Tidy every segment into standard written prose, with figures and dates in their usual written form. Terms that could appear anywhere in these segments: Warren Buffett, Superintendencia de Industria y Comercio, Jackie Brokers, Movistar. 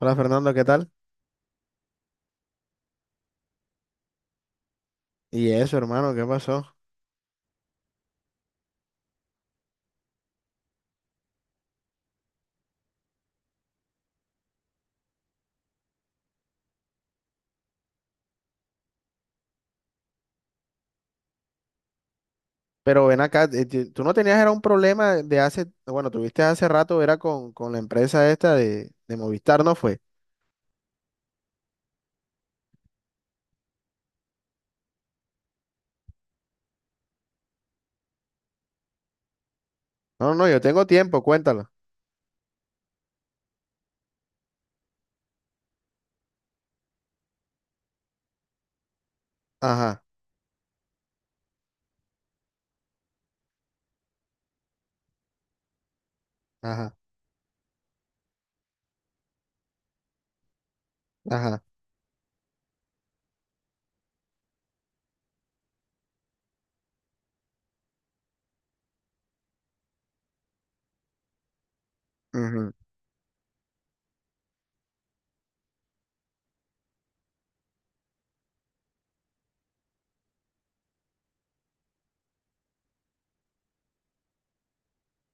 Hola Fernando, ¿qué tal? Y eso, hermano, ¿qué pasó? Pero ven acá, tú no tenías, era un problema de hace, bueno, tuviste hace rato, era con la empresa esta de Movistar, ¿no fue? No, no, yo tengo tiempo, cuéntalo. Ajá, ajá, ajá, ujú,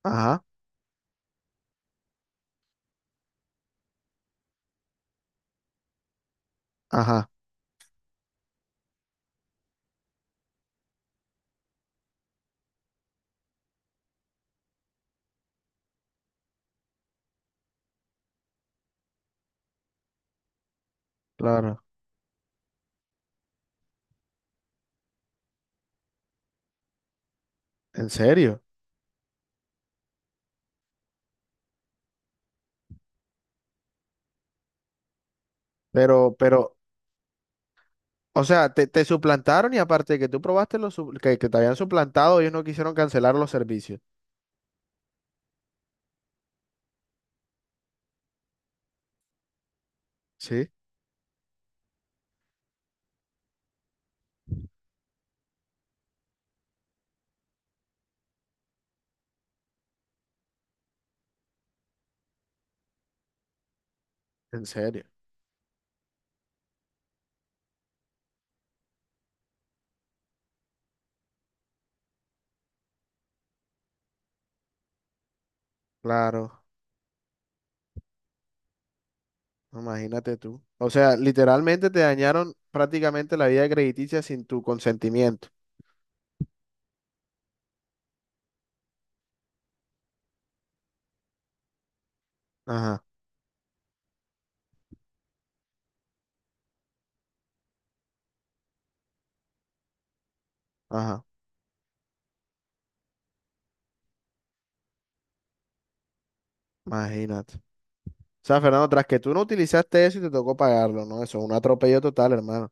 ajá, ajá, claro, en serio. Pero, o sea, te suplantaron y aparte de que tú probaste los, que te habían suplantado, ellos no quisieron cancelar los servicios. Sí, en serio, claro. Imagínate tú. O sea, literalmente te dañaron prácticamente la vida crediticia sin tu consentimiento. Ajá, ajá, imagínate. O sea, Fernando, tras que tú no utilizaste eso y te tocó pagarlo, ¿no? Eso es un atropello total, hermano.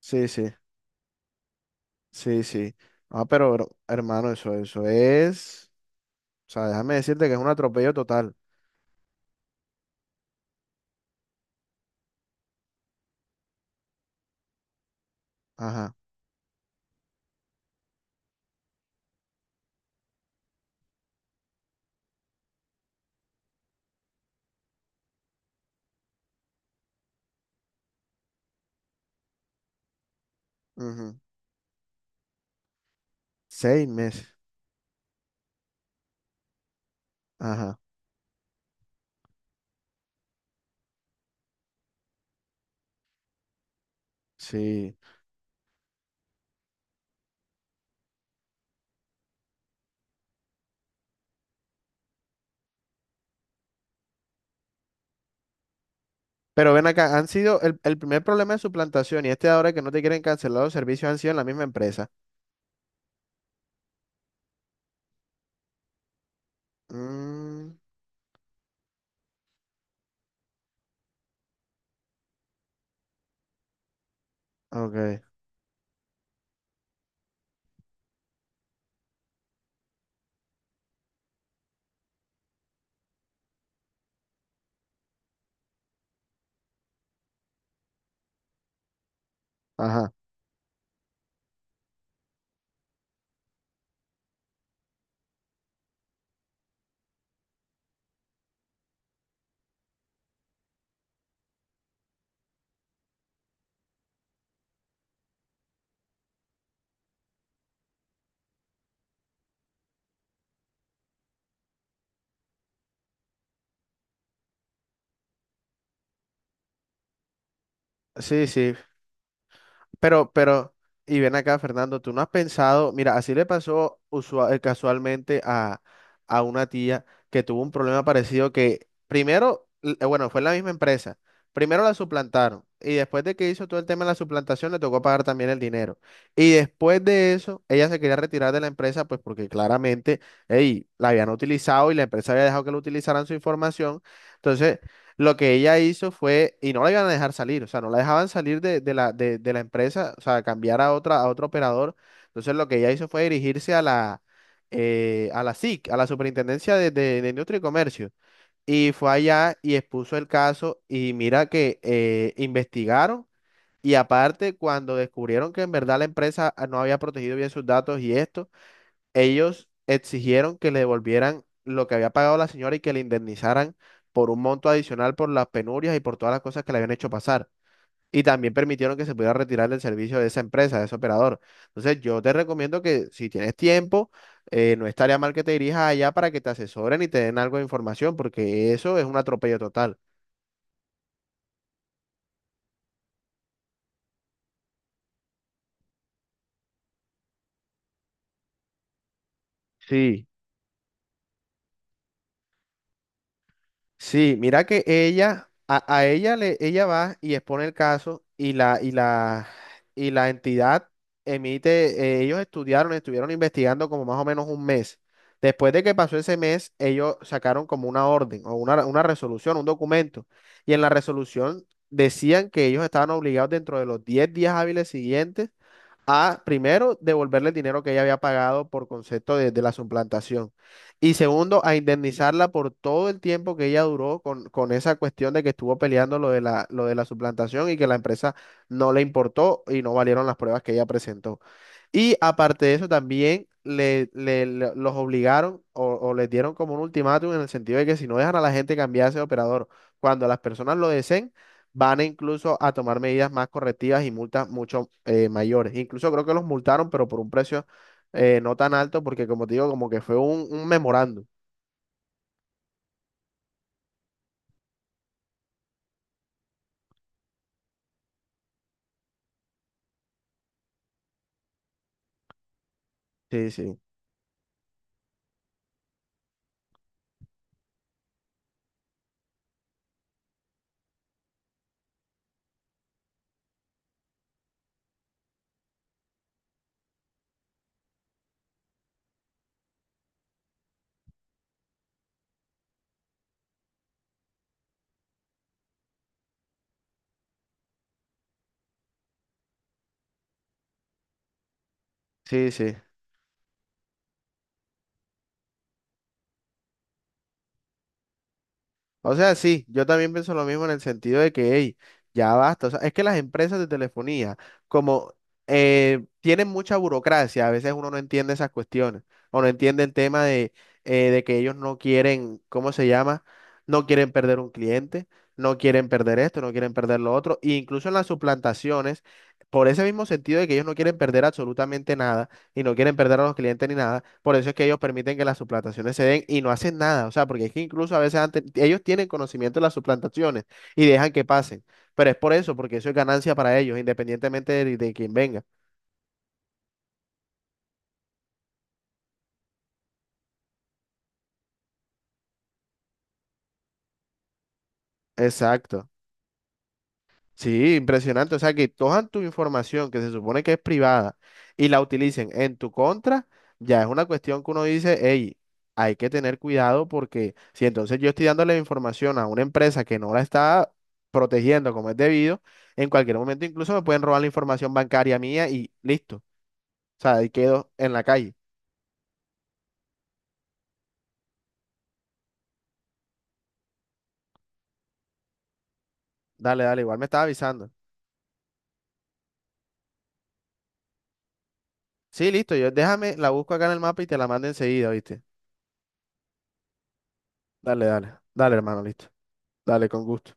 Sí, sí, sí, sí. Ah, pero, hermano, eso es. O sea, déjame decirte que es un atropello total. Ajá. Ujú. 6 meses. Ajá. Sí. Pero ven acá, han sido el primer problema de suplantación y este ahora que no te quieren cancelar los servicios han sido en la misma empresa. Mm. Ok, ajá. Sí, sí, pero, y ven acá, Fernando, tú no has pensado, mira, así le pasó casualmente a una tía que tuvo un problema parecido que primero, bueno, fue en la misma empresa, primero la suplantaron y después de que hizo todo el tema de la suplantación le tocó pagar también el dinero. Y después de eso, ella se quería retirar de la empresa, pues porque claramente, ey, la habían utilizado y la empresa había dejado que lo utilizaran su información. Entonces... lo que ella hizo fue, y no la iban a dejar salir, o sea, no la dejaban salir de, de la empresa, o sea, cambiar a otra, a otro operador. Entonces lo que ella hizo fue dirigirse a la SIC, a la Superintendencia de, de Industria y Comercio. Y fue allá y expuso el caso y mira que investigaron y aparte cuando descubrieron que en verdad la empresa no había protegido bien sus datos y esto ellos exigieron que le devolvieran lo que había pagado la señora y que le indemnizaran por un monto adicional por las penurias y por todas las cosas que le habían hecho pasar. Y también permitieron que se pudiera retirar del servicio de esa empresa, de ese operador. Entonces, yo te recomiendo que si tienes tiempo, no estaría mal que te dirijas allá para que te asesoren y te den algo de información, porque eso es un atropello total. Sí. Sí, mira que a ella ella va y expone el caso y la entidad emite, ellos estudiaron, estuvieron investigando como más o menos un mes. Después de que pasó ese mes, ellos sacaron como una orden o una resolución, un documento. Y en la resolución decían que ellos estaban obligados dentro de los 10 días hábiles siguientes a, primero, devolverle el dinero que ella había pagado por concepto de la suplantación. Y segundo, a indemnizarla por todo el tiempo que ella duró con esa cuestión de que estuvo peleando lo de la suplantación y que la empresa no le importó y no valieron las pruebas que ella presentó. Y aparte de eso, también los obligaron o les dieron como un ultimátum en el sentido de que si no dejan a la gente cambiarse de operador cuando las personas lo deseen, van a incluso a tomar medidas más correctivas y multas mucho mayores. Incluso creo que los multaron, pero por un precio no tan alto, porque como te digo, como que fue un memorando. Sí, sí, sí, sí. O sea, sí, yo también pienso lo mismo en el sentido de que, hey, ya basta. O sea, es que las empresas de telefonía, como tienen mucha burocracia, a veces uno no entiende esas cuestiones o no entiende el tema de que ellos no quieren, ¿cómo se llama? No quieren perder un cliente, no quieren perder esto, no quieren perder lo otro. E incluso en las suplantaciones, por ese mismo sentido de que ellos no quieren perder absolutamente nada, y no quieren perder a los clientes ni nada. Por eso es que ellos permiten que las suplantaciones se den y no hacen nada. O sea, porque es que incluso a veces antes, ellos tienen conocimiento de las suplantaciones y dejan que pasen. Pero es por eso, porque eso es ganancia para ellos, independientemente de quién venga. Exacto. Sí, impresionante. O sea, que cojan tu información que se supone que es privada y la utilicen en tu contra, ya es una cuestión que uno dice, hey, hay que tener cuidado porque si entonces yo estoy dándole información a una empresa que no la está protegiendo como es debido, en cualquier momento incluso me pueden robar la información bancaria mía y listo. O sea, ahí quedo en la calle. Dale, dale, igual me estaba avisando. Sí, listo, yo déjame, la busco acá en el mapa y te la mando enseguida, ¿viste? Dale, dale, dale, hermano, listo. Dale, con gusto.